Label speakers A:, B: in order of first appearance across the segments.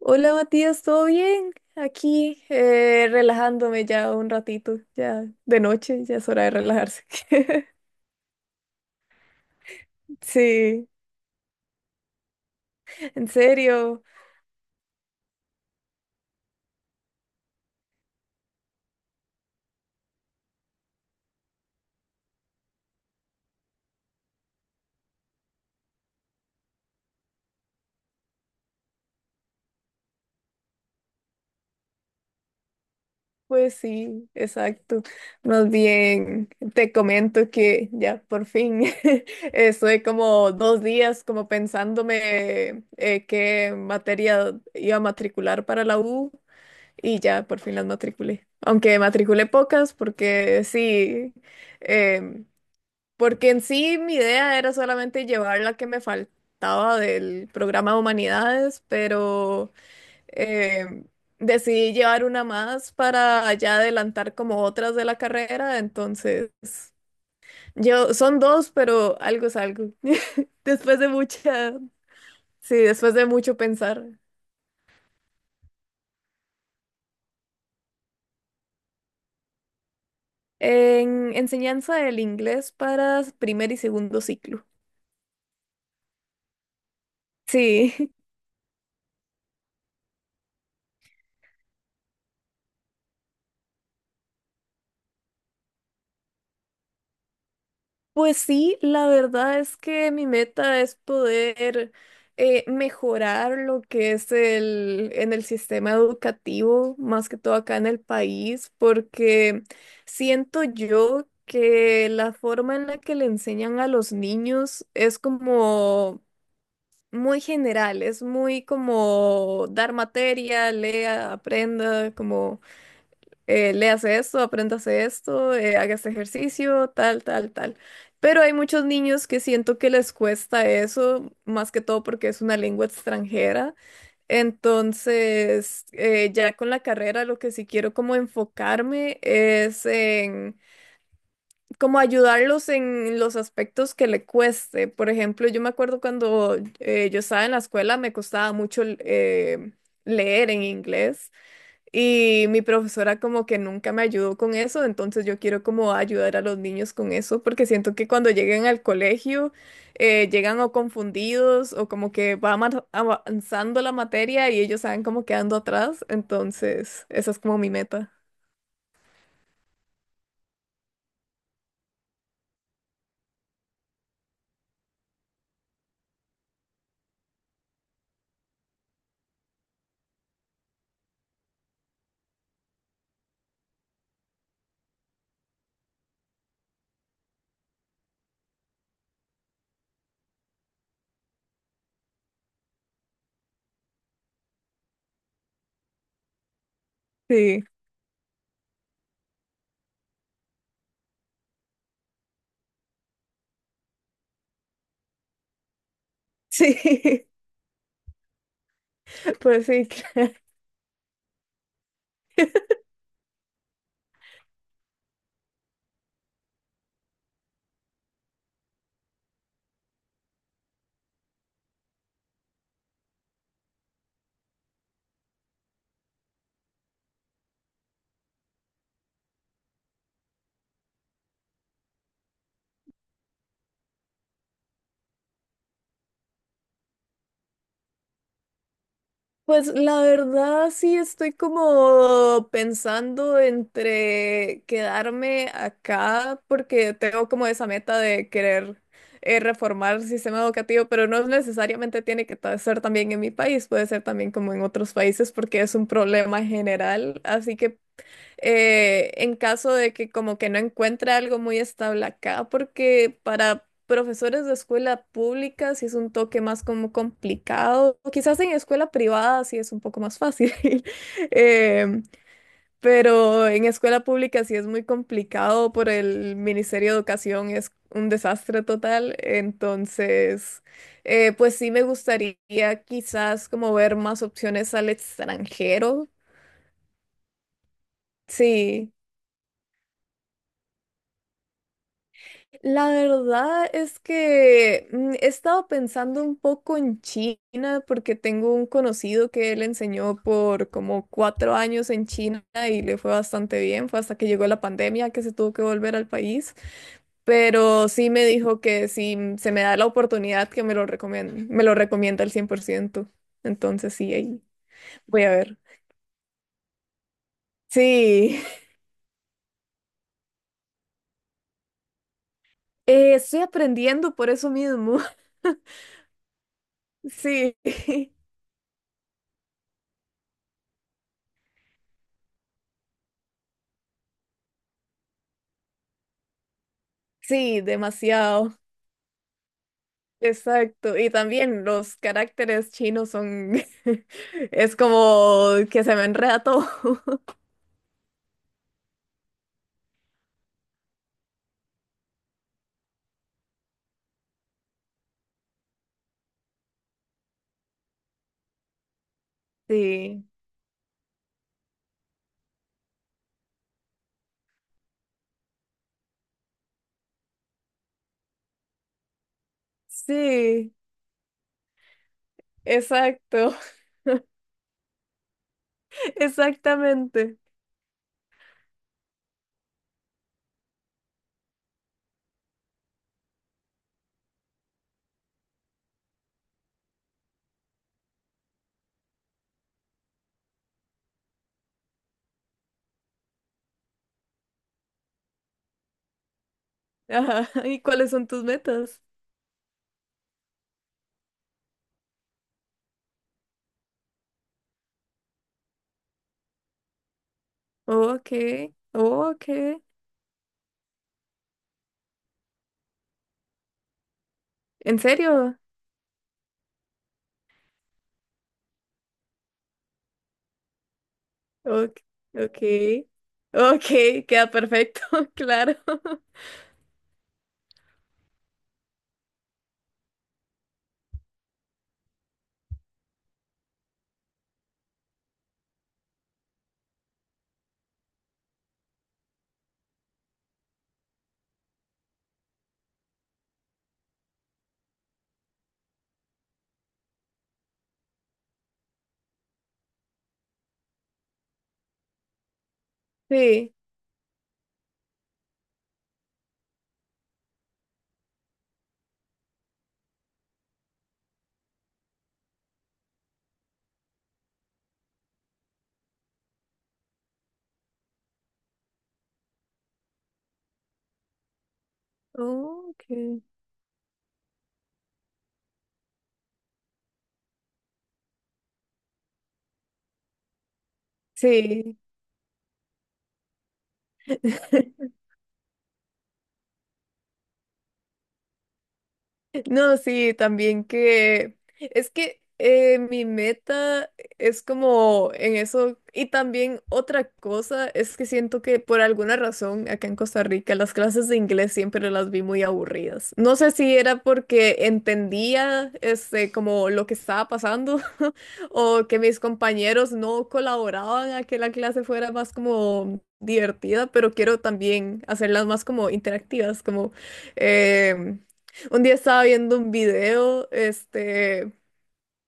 A: Hola Matías, ¿todo bien? Aquí relajándome ya un ratito, ya de noche, ya es hora de relajarse. Sí, en serio, pues sí, exacto. Más bien, te comento que ya por fin estoy como 2 días como pensándome qué materia iba a matricular para la U y ya por fin las matriculé. Aunque matriculé pocas porque sí. em, Porque en sí mi idea era solamente llevar la que me faltaba del programa de humanidades, pero eh, decidí llevar una más para ya adelantar como otras de la carrera. Entonces, yo son dos, pero algo es algo. Después de mucha, sí, después de mucho pensar. En enseñanza del inglés para primer y segundo ciclo. Sí. Pues sí, la verdad es que mi meta es poder mejorar lo que es en el sistema educativo, más que todo acá en el país, porque siento yo que la forma en la que le enseñan a los niños es como muy general, es muy como dar materia, lea, aprenda, como léase esto, apréndase esto, haga este ejercicio, tal, tal, tal. Pero hay muchos niños que siento que les cuesta eso, más que todo porque es una lengua extranjera. Entonces, ya con la carrera, lo que sí quiero como enfocarme es en como ayudarlos en los aspectos que le cueste. Por ejemplo, yo me acuerdo cuando yo estaba en la escuela, me costaba mucho leer en inglés. Y mi profesora como que nunca me ayudó con eso, entonces yo quiero como ayudar a los niños con eso, porque siento que cuando lleguen al colegio llegan o confundidos o como que va avanzando la materia y ellos saben como quedando atrás, entonces esa es como mi meta. Sí. Sí. Pues sí. Claro. Pues la verdad sí estoy como pensando entre quedarme acá porque tengo como esa meta de querer reformar el sistema educativo, pero no necesariamente tiene que ser también en mi país, puede ser también como en otros países porque es un problema general, así que en caso de que como que no encuentre algo muy estable acá, porque para profesores de escuela pública sí es un toque más como complicado, o quizás en escuela privada sí es un poco más fácil. em, pero en escuela pública sí es muy complicado por el Ministerio de Educación, es un desastre total, entonces pues sí me gustaría quizás como ver más opciones al extranjero. Sí. La verdad es que he estado pensando un poco en China porque tengo un conocido que él enseñó por como 4 años en China y le fue bastante bien. Fue hasta que llegó la pandemia que se tuvo que volver al país. Pero sí me dijo que si se me da la oportunidad que me lo recomienda al 100%. Entonces sí, ahí voy a ver. Sí. Estoy aprendiendo por eso mismo. Sí. Sí, demasiado. Exacto, y también los caracteres chinos son, es como que se me enreda todo. Sí, sí, exacto. Exactamente. Ajá. ¿Y cuáles son tus metas? Ok, ok. ¿En serio? Ok, ok, ok, queda perfecto. Claro. Sí, ok, sí. No, sí, también que es que mi meta es como en eso. Y también otra cosa es que siento que por alguna razón acá en Costa Rica las clases de inglés siempre las vi muy aburridas. No sé si era porque entendía este como lo que estaba pasando, o que mis compañeros no colaboraban a que la clase fuera más como divertida, pero quiero también hacerlas más como interactivas, como em, un día estaba viendo un video, este,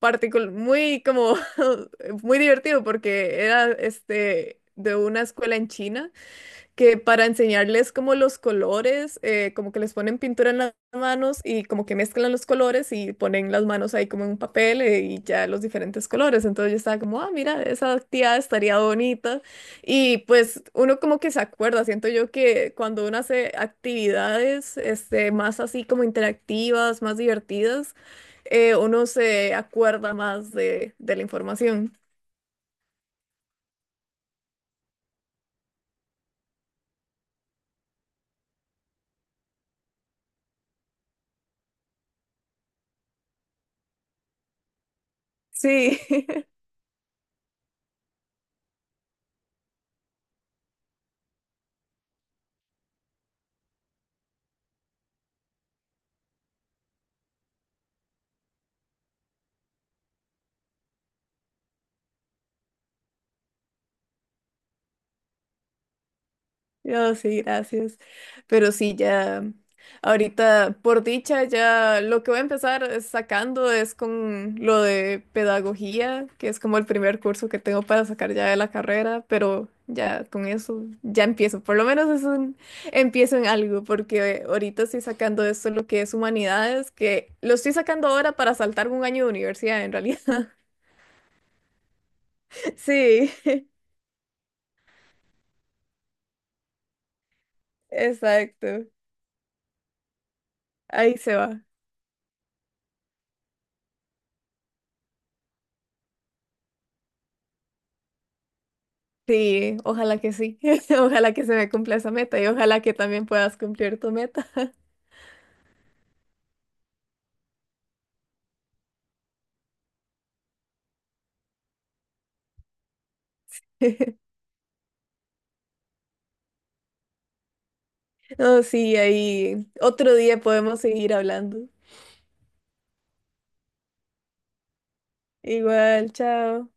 A: muy como, muy divertido porque era, este, de una escuela en China que para enseñarles como los colores, como que les ponen pintura en las manos y como que mezclan los colores y ponen las manos ahí como en un papel, y ya los diferentes colores. Entonces yo estaba como, ah, mira, esa actividad estaría bonita. Y pues uno como que se acuerda, siento yo que cuando uno hace actividades este, más así como interactivas, más divertidas, uno se acuerda más de la información. Sí. Yo sí, gracias. Pero sí, ya, ahorita, por dicha, ya lo que voy a empezar es sacando es con lo de pedagogía, que es como el primer curso que tengo para sacar ya de la carrera, pero ya con eso ya empiezo. Por lo menos es un empiezo en algo, porque ahorita estoy sacando esto lo que es humanidades, que lo estoy sacando ahora para saltar un año de universidad en realidad. Sí, exacto. Ahí se va. Sí, ojalá que sí. Ojalá que se me cumpla esa meta y ojalá que también puedas cumplir tu meta. No, sí, ahí otro día podemos seguir hablando. Igual, chao.